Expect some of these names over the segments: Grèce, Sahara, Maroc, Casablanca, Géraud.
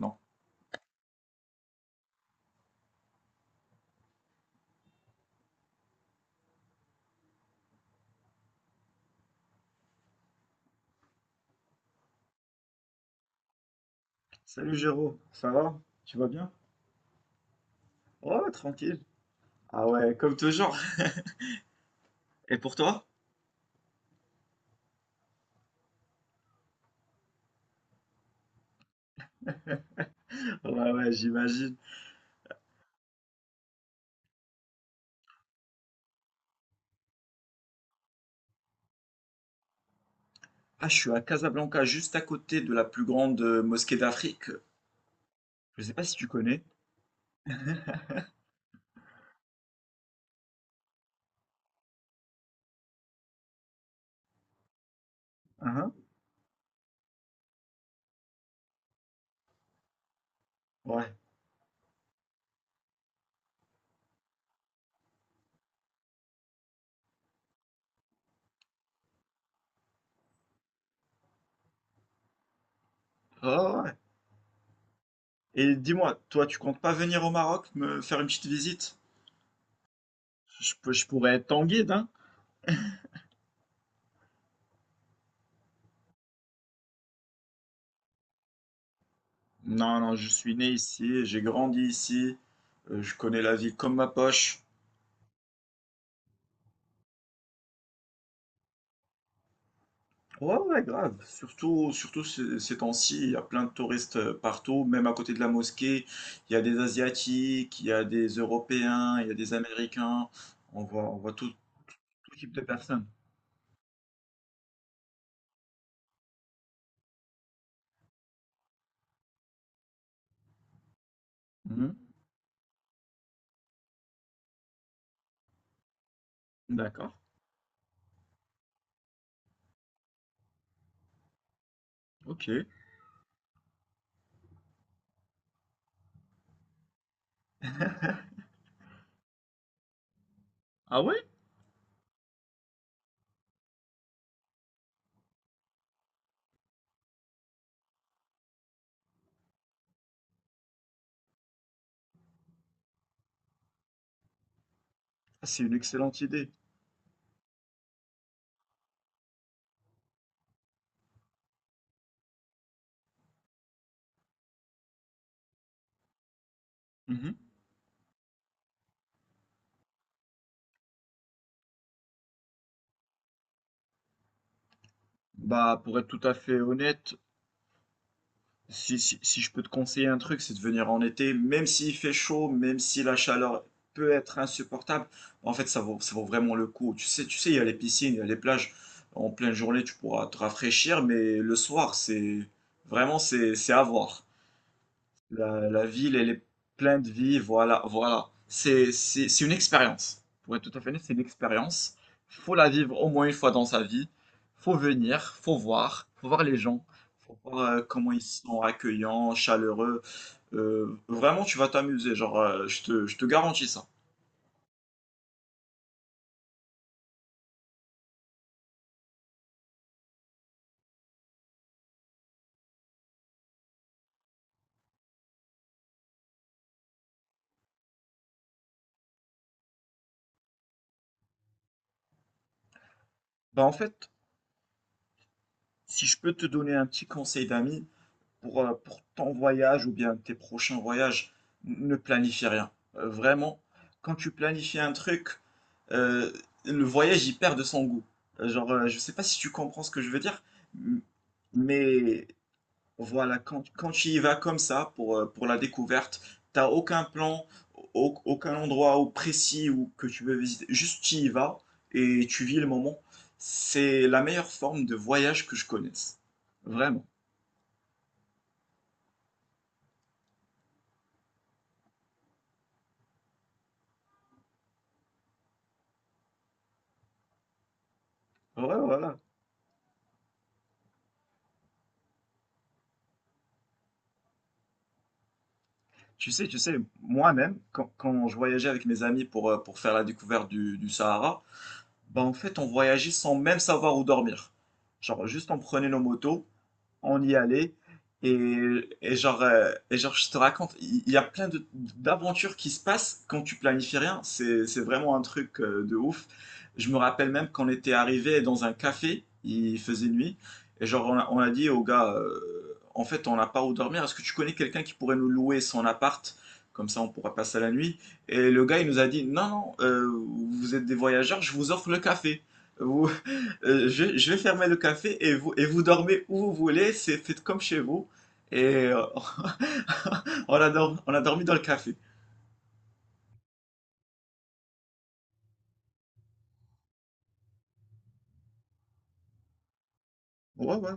Non. Salut Géraud, ça va? Tu vas bien? Oh, tranquille. Ah ouais, comme toujours. Et pour toi? Ouais, ouais, j'imagine. Ah, je suis à Casablanca, juste à côté de la plus grande mosquée d'Afrique. Je sais pas si tu connais. Hein. Ouais. Ah ouais. Et dis-moi, toi, tu comptes pas venir au Maroc me faire une petite visite? Je pourrais être ton guide, hein? Non, non, je suis né ici, j'ai grandi ici, je connais la ville comme ma poche. Ouais, ouais, grave. Surtout, surtout ces temps-ci, il y a plein de touristes partout, même à côté de la mosquée. Il y a des Asiatiques, il y a des Européens, il y a des Américains. On voit tout, tout type de personnes. Mhm. D'accord. Ok. Ah ouais? Ah, c'est une excellente idée. Mhm. Bah, pour être tout à fait honnête, si, si je peux te conseiller un truc, c'est de venir en été, même s'il fait chaud, même si la chaleur peut être insupportable, en fait, ça vaut vraiment le coup. Tu sais, il y a les piscines, il y a les plages. En pleine journée, tu pourras te rafraîchir, mais le soir, c'est vraiment, c'est à voir. La ville, elle est pleine de vie, voilà, voilà. C'est une expérience. Pour être tout à fait honnête, c'est une expérience. Faut la vivre au moins une fois dans sa vie. Faut venir, faut voir les gens, faut voir comment ils sont accueillants, chaleureux. Vraiment, tu vas t'amuser, genre, je te garantis ça. Bah en fait, si je peux te donner un petit conseil d'ami, pour ton voyage ou bien tes prochains voyages, ne planifie rien. Vraiment, quand tu planifies un truc, euh, le voyage il perd de son goût. Genre, je sais pas si tu comprends ce que je veux dire, m- mais voilà, quand, quand tu y vas comme ça pour la découverte, t'as aucun plan, aucun endroit ou précis ou que tu veux visiter, juste tu y vas et tu vis le moment. C'est la meilleure forme de voyage que je connaisse. Vraiment. Ouais, voilà. Tu sais, moi-même, quand, quand je voyageais avec mes amis pour faire la découverte du Sahara, bah en fait, on voyageait sans même savoir où dormir. Genre, juste on prenait nos motos, on y allait. Et, et genre, je te raconte, il y a plein d'aventures qui se passent quand tu planifies rien. C'est vraiment un truc de ouf. Je me rappelle même qu'on était arrivé dans un café, il faisait nuit, et genre, on a dit au gars, en fait, on n'a pas où dormir. Est-ce que tu connais quelqu'un qui pourrait nous louer son appart? Comme ça, on pourra passer la nuit. Et le gars, il nous a dit, non, non, vous êtes des voyageurs, je vous offre le café. Vous, je vais fermer le café et vous dormez où vous voulez, c'est faites comme chez vous. Et on a, on a dormi dans le café. Ouais, ouais,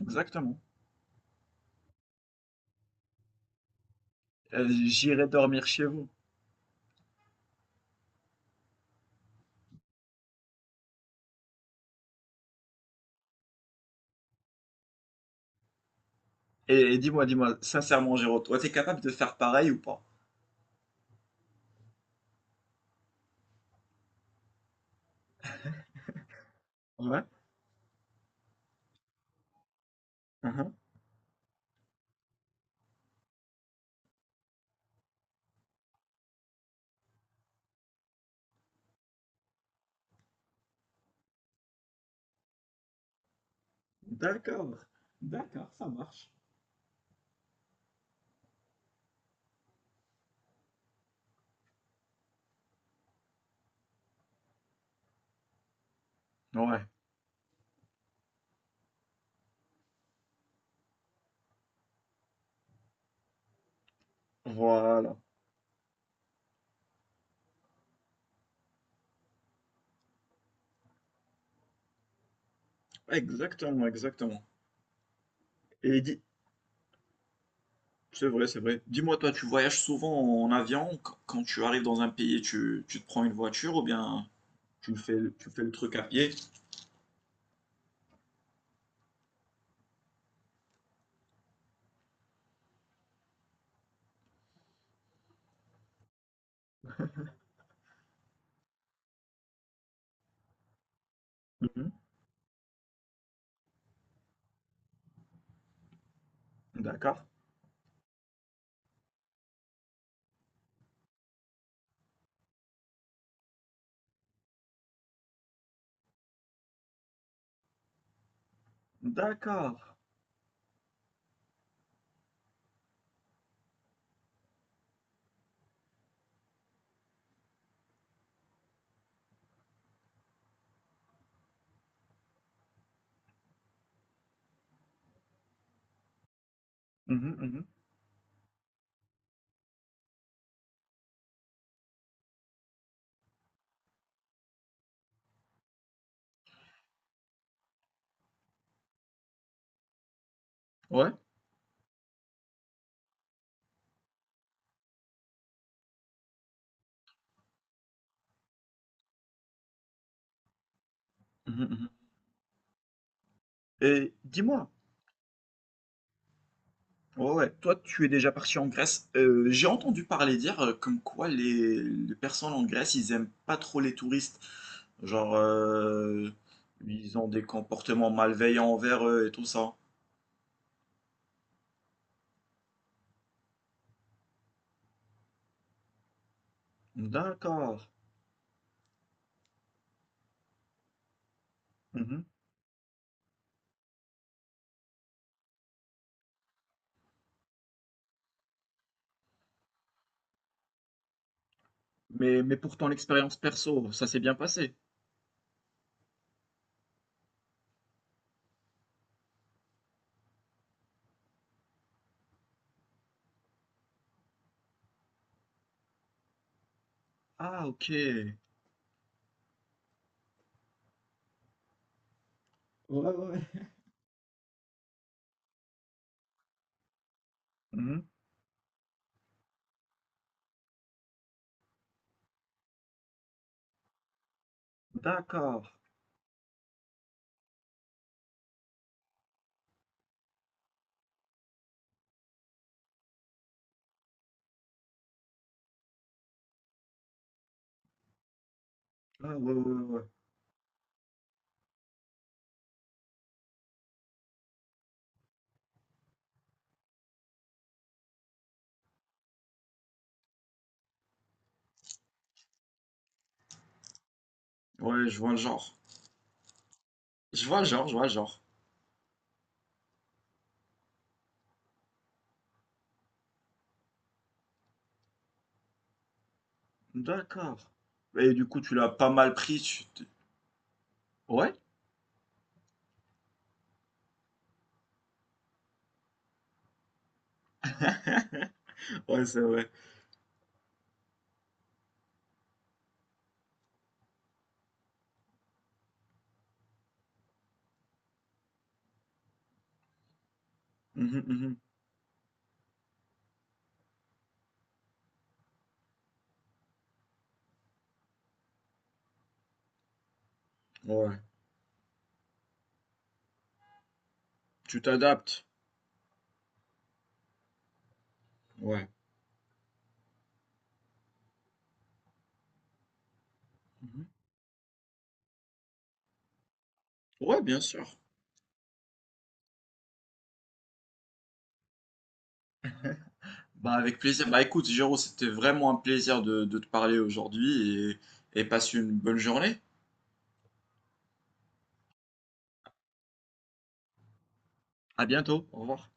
exactement. J'irai dormir chez vous. Et dis-moi, dis-moi, sincèrement, Géraud, toi, t'es capable de faire pareil ou pas? Ouais. Mhm. D'accord. D'accord, ça marche. Ouais, voilà. Exactement, exactement. Et dis, c'est vrai, c'est vrai. Dis-moi, toi, tu voyages souvent en avion? Quand tu arrives dans un pays, tu te prends une voiture ou bien tu fais le, tu fais le truc à pied. Mhm. D'accord. D'accord. Mhm, mhm. Ouais. Mhm, mhm. Et dis-moi, ouais, ouais, toi, tu es déjà parti en Grèce. J'ai entendu parler dire comme quoi les personnes en Grèce, ils aiment pas trop les touristes. Genre, ils ont des comportements malveillants envers eux et tout ça. D'accord. Mhm. Mais pourtant, l'expérience perso, ça s'est bien passé. Ah, ok. Ouais, ouais, ouais. Mhm. D'accord. Ah, ouais, ouais, ouais. Ouais, je vois le genre. Je vois le genre, je vois le genre. D'accord. Et du coup, tu l'as pas mal pris. Tu t'es? Ouais? Ouais, c'est vrai. Mhm, mhm. Ouais. Tu t'adaptes. Ouais. Mhm. Ouais, bien sûr. Bah, avec plaisir. Bah, écoute, Géraud, c'était vraiment un plaisir de te parler aujourd'hui et passe une bonne journée. À bientôt. Au revoir.